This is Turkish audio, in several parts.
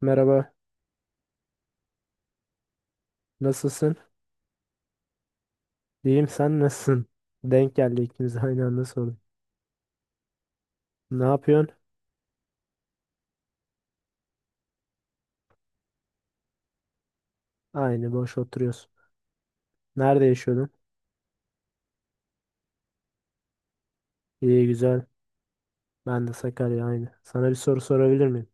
Merhaba, nasılsın? İyiyim, sen nasılsın? Denk geldi ikimiz de aynı anda sorduk. Ne yapıyorsun? Aynı, boş oturuyorsun. Nerede yaşıyordun? İyi, güzel. Ben de Sakarya, aynı. Sana bir soru sorabilir miyim?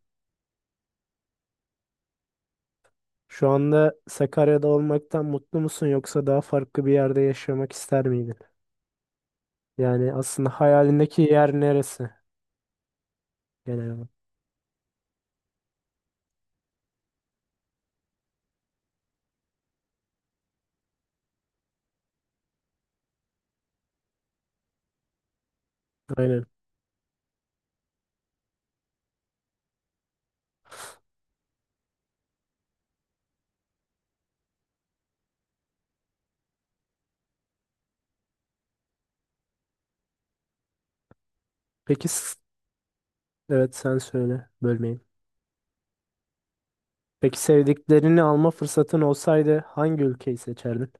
Şu anda Sakarya'da olmaktan mutlu musun yoksa daha farklı bir yerde yaşamak ister miydin? Yani aslında hayalindeki yer neresi genel olarak? Aynen. Peki, evet sen söyle, bölmeyeyim. Peki sevdiklerini alma fırsatın olsaydı hangi ülkeyi seçerdin?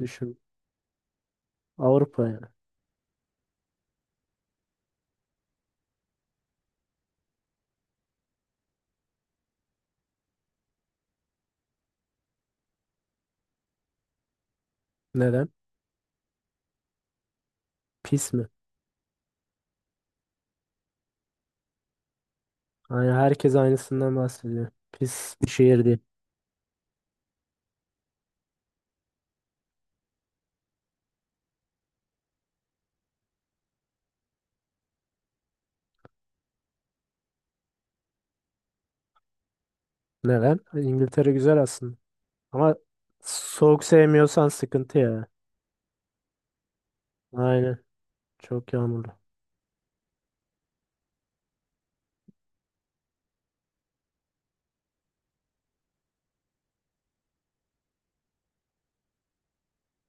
Düşün. Avrupa yani. Neden? Pis mi? Yani herkes aynısından bahsediyor. Pis bir şehir değil. Neden? İngiltere güzel aslında. Ama soğuk sevmiyorsan sıkıntı ya. Aynen. Çok yağmurlu.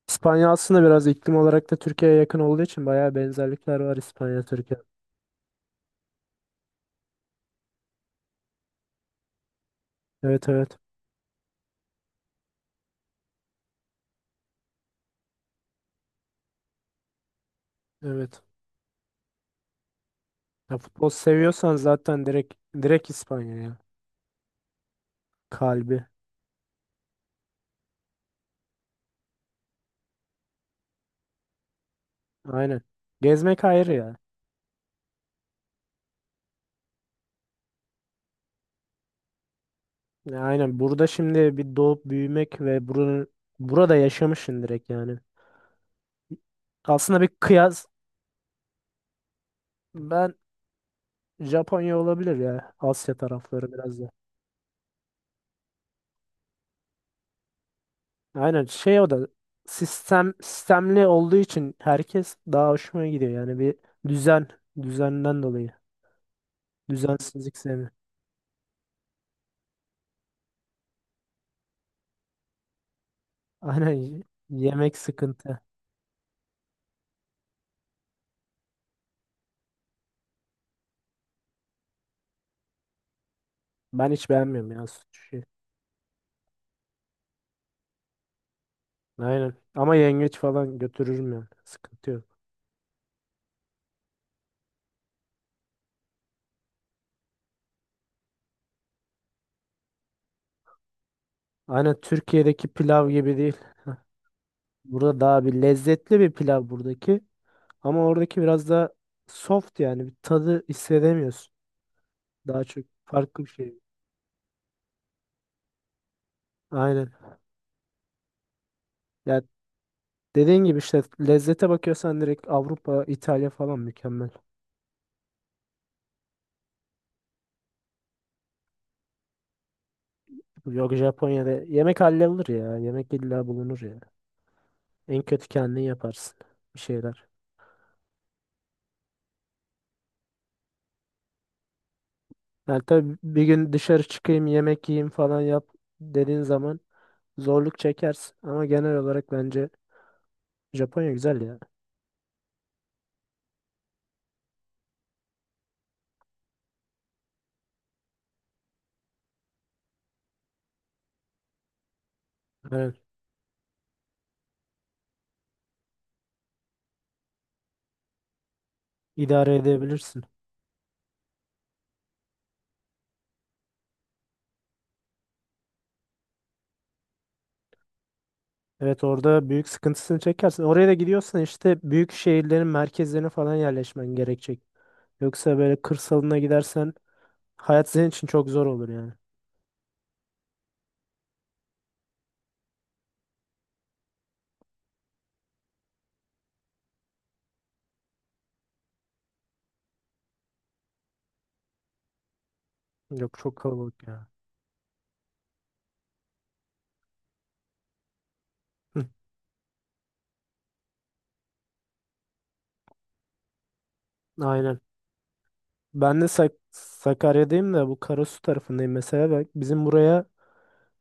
İspanya aslında biraz iklim olarak da Türkiye'ye yakın olduğu için bayağı benzerlikler var İspanya Türkiye. Evet evet. Evet. Ya futbol seviyorsan zaten direkt İspanya ya. Kalbi. Aynen. Gezmek ayrı ya. Ya aynen. Burada şimdi bir doğup büyümek ve buranın burada yaşamışsın direkt yani. Aslında bir kıyas ben Japonya olabilir ya. Asya tarafları biraz da. Aynen şey o da sistemli olduğu için herkes daha hoşuma gidiyor. Yani bir düzen düzenden dolayı. Düzensizlik sevmiyorum. Aynen, yemek sıkıntı. Ben hiç beğenmiyorum ya suşi. Aynen. Ama yengeç falan götürürüm yani. Sıkıntı yok. Aynen Türkiye'deki pilav gibi değil. Burada daha bir lezzetli bir pilav buradaki. Ama oradaki biraz da soft, yani bir tadı hissedemiyorsun. Daha çok farklı bir şey. Aynen. Ya dediğin gibi işte lezzete bakıyorsan direkt Avrupa, İtalya falan mükemmel. Yok, Japonya'da yemek hallolur ya. Yemek illa bulunur ya. En kötü kendin yaparsın bir şeyler. Yani tabii bir gün dışarı çıkayım yemek yiyeyim falan yap dediğin zaman zorluk çekersin. Ama genel olarak bence Japonya güzel ya. Evet, idare edebilirsin. Evet, orada büyük sıkıntısını çekersin. Oraya da gidiyorsan işte büyük şehirlerin merkezlerine falan yerleşmen gerekecek. Yoksa böyle kırsalına gidersen hayat senin için çok zor olur yani. Yok çok kalabalık ya. Hı, aynen. Ben de Sakarya'dayım da bu Karasu tarafındayım mesela. Bak, bizim buraya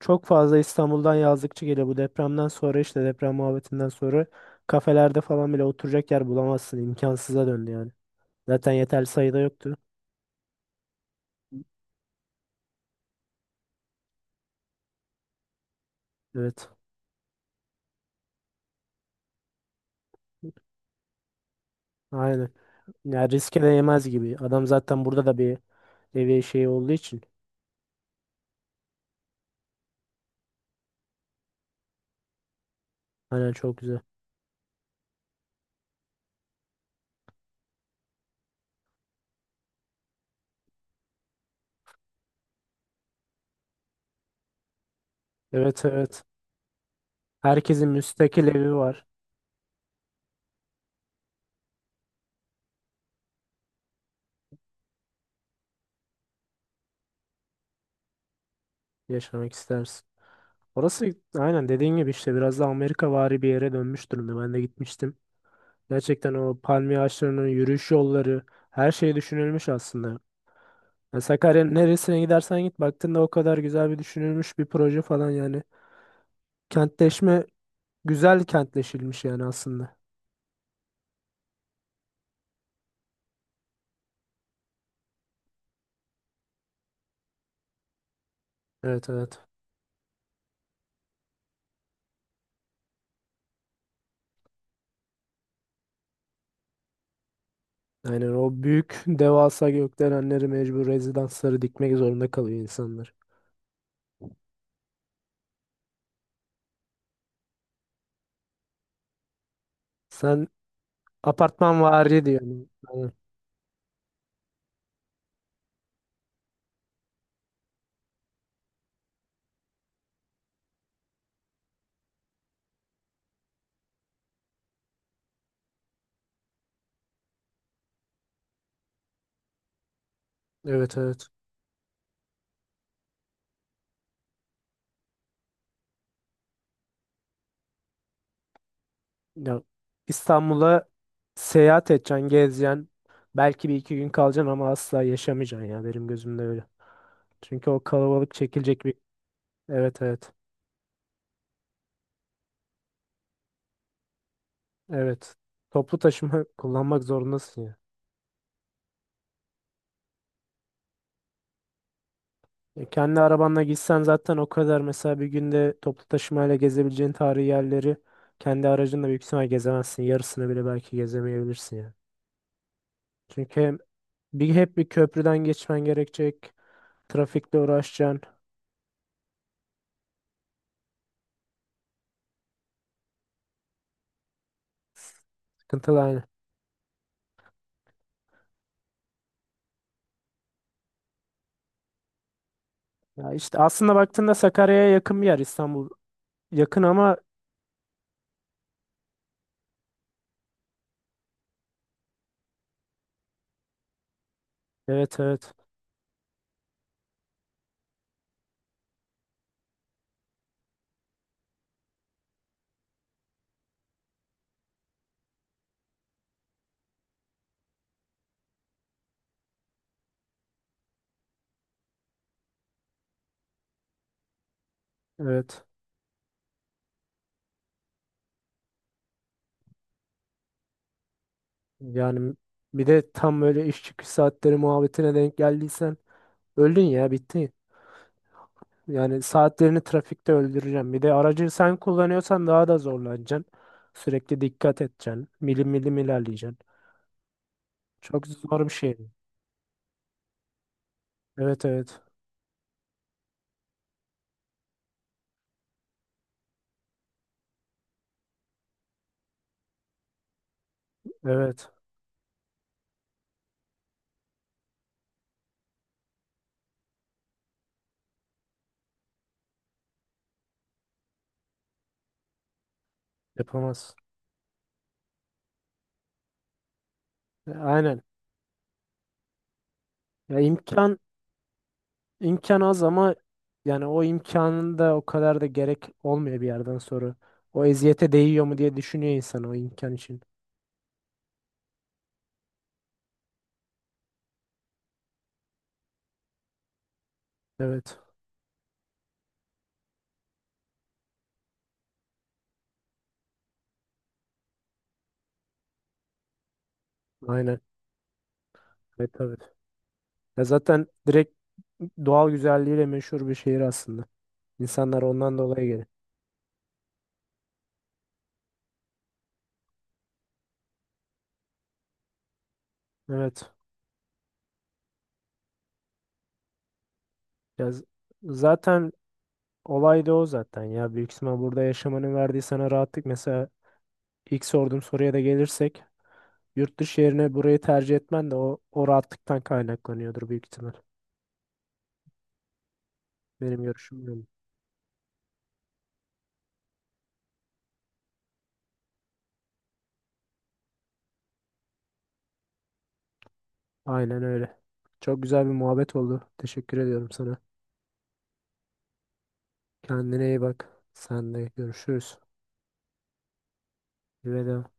çok fazla İstanbul'dan yazlıkçı geliyor. Bu depremden sonra işte deprem muhabbetinden sonra kafelerde falan bile oturacak yer bulamazsın. İmkansıza döndü yani. Zaten yeterli sayıda yoktu. Evet. Aynen. Ya riske değmez gibi. Adam zaten burada da bir evi şey olduğu için. Aynen çok güzel. Evet evet. Herkesin müstakil evi var. Yaşamak istersin. Orası aynen dediğin gibi işte biraz da Amerikavari bir yere dönmüş durumda. Ben de gitmiştim. Gerçekten o palmiye ağaçlarının yürüyüş yolları, her şey düşünülmüş aslında. Ya Sakarya'nın neresine gidersen git, baktığında o kadar güzel bir düşünülmüş bir proje falan yani. Kentleşme güzel kentleşilmiş yani aslında. Evet evet. Aynen o büyük devasa gökdelenleri, mecbur rezidansları dikmek zorunda kalıyor insanlar. Sen apartman vari diyorsun. Aynen. Evet evet. Ya, İstanbul'a seyahat edeceksin, gezeceksin. Belki bir iki gün kalacaksın ama asla yaşamayacaksın ya, benim gözümde öyle. Çünkü o kalabalık çekilecek bir... Evet evet. Evet. Toplu taşıma kullanmak zorundasın ya. E, Kendi arabanla gitsen zaten o kadar mesela bir günde toplu taşımayla gezebileceğin tarihi yerleri kendi aracınla büyük ihtimal gezemezsin. Yarısını bile belki gezemeyebilirsin yani. Çünkü hem hep bir köprüden geçmen gerekecek. Trafikle uğraşacaksın. Sıkıntılı aynı. Ya işte aslında baktığında Sakarya'ya yakın bir yer İstanbul. Yakın ama evet evet evet. Yani bir de tam böyle iş çıkış saatleri muhabbetine denk geldiysen öldün ya, bittin. Yani saatlerini trafikte öldüreceğim. Bir de aracı sen kullanıyorsan daha da zorlanacaksın. Sürekli dikkat edeceksin. Milim milim ilerleyeceksin. Çok zor bir şey. Evet evet. Evet. Yapamaz. E, Aynen. Ya imkan az ama yani o imkanın da o kadar da gerek olmuyor bir yerden sonra. O eziyete değiyor mu diye düşünüyor insan o imkan için. Evet. Aynen. Evet evet. Ya zaten direkt doğal güzelliğiyle meşhur bir şehir aslında. İnsanlar ondan dolayı geliyor. Evet. Ya zaten olay da o zaten ya. Büyük ihtimal burada yaşamanın verdiği sana rahatlık. Mesela ilk sorduğum soruya da gelirsek yurt dışı yerine burayı tercih etmen de o rahatlıktan kaynaklanıyordur büyük ihtimal. Benim görüşüm böyle. Aynen öyle. Çok güzel bir muhabbet oldu. Teşekkür ediyorum sana. Kendine iyi bak. Sen de görüşürüz. Veda.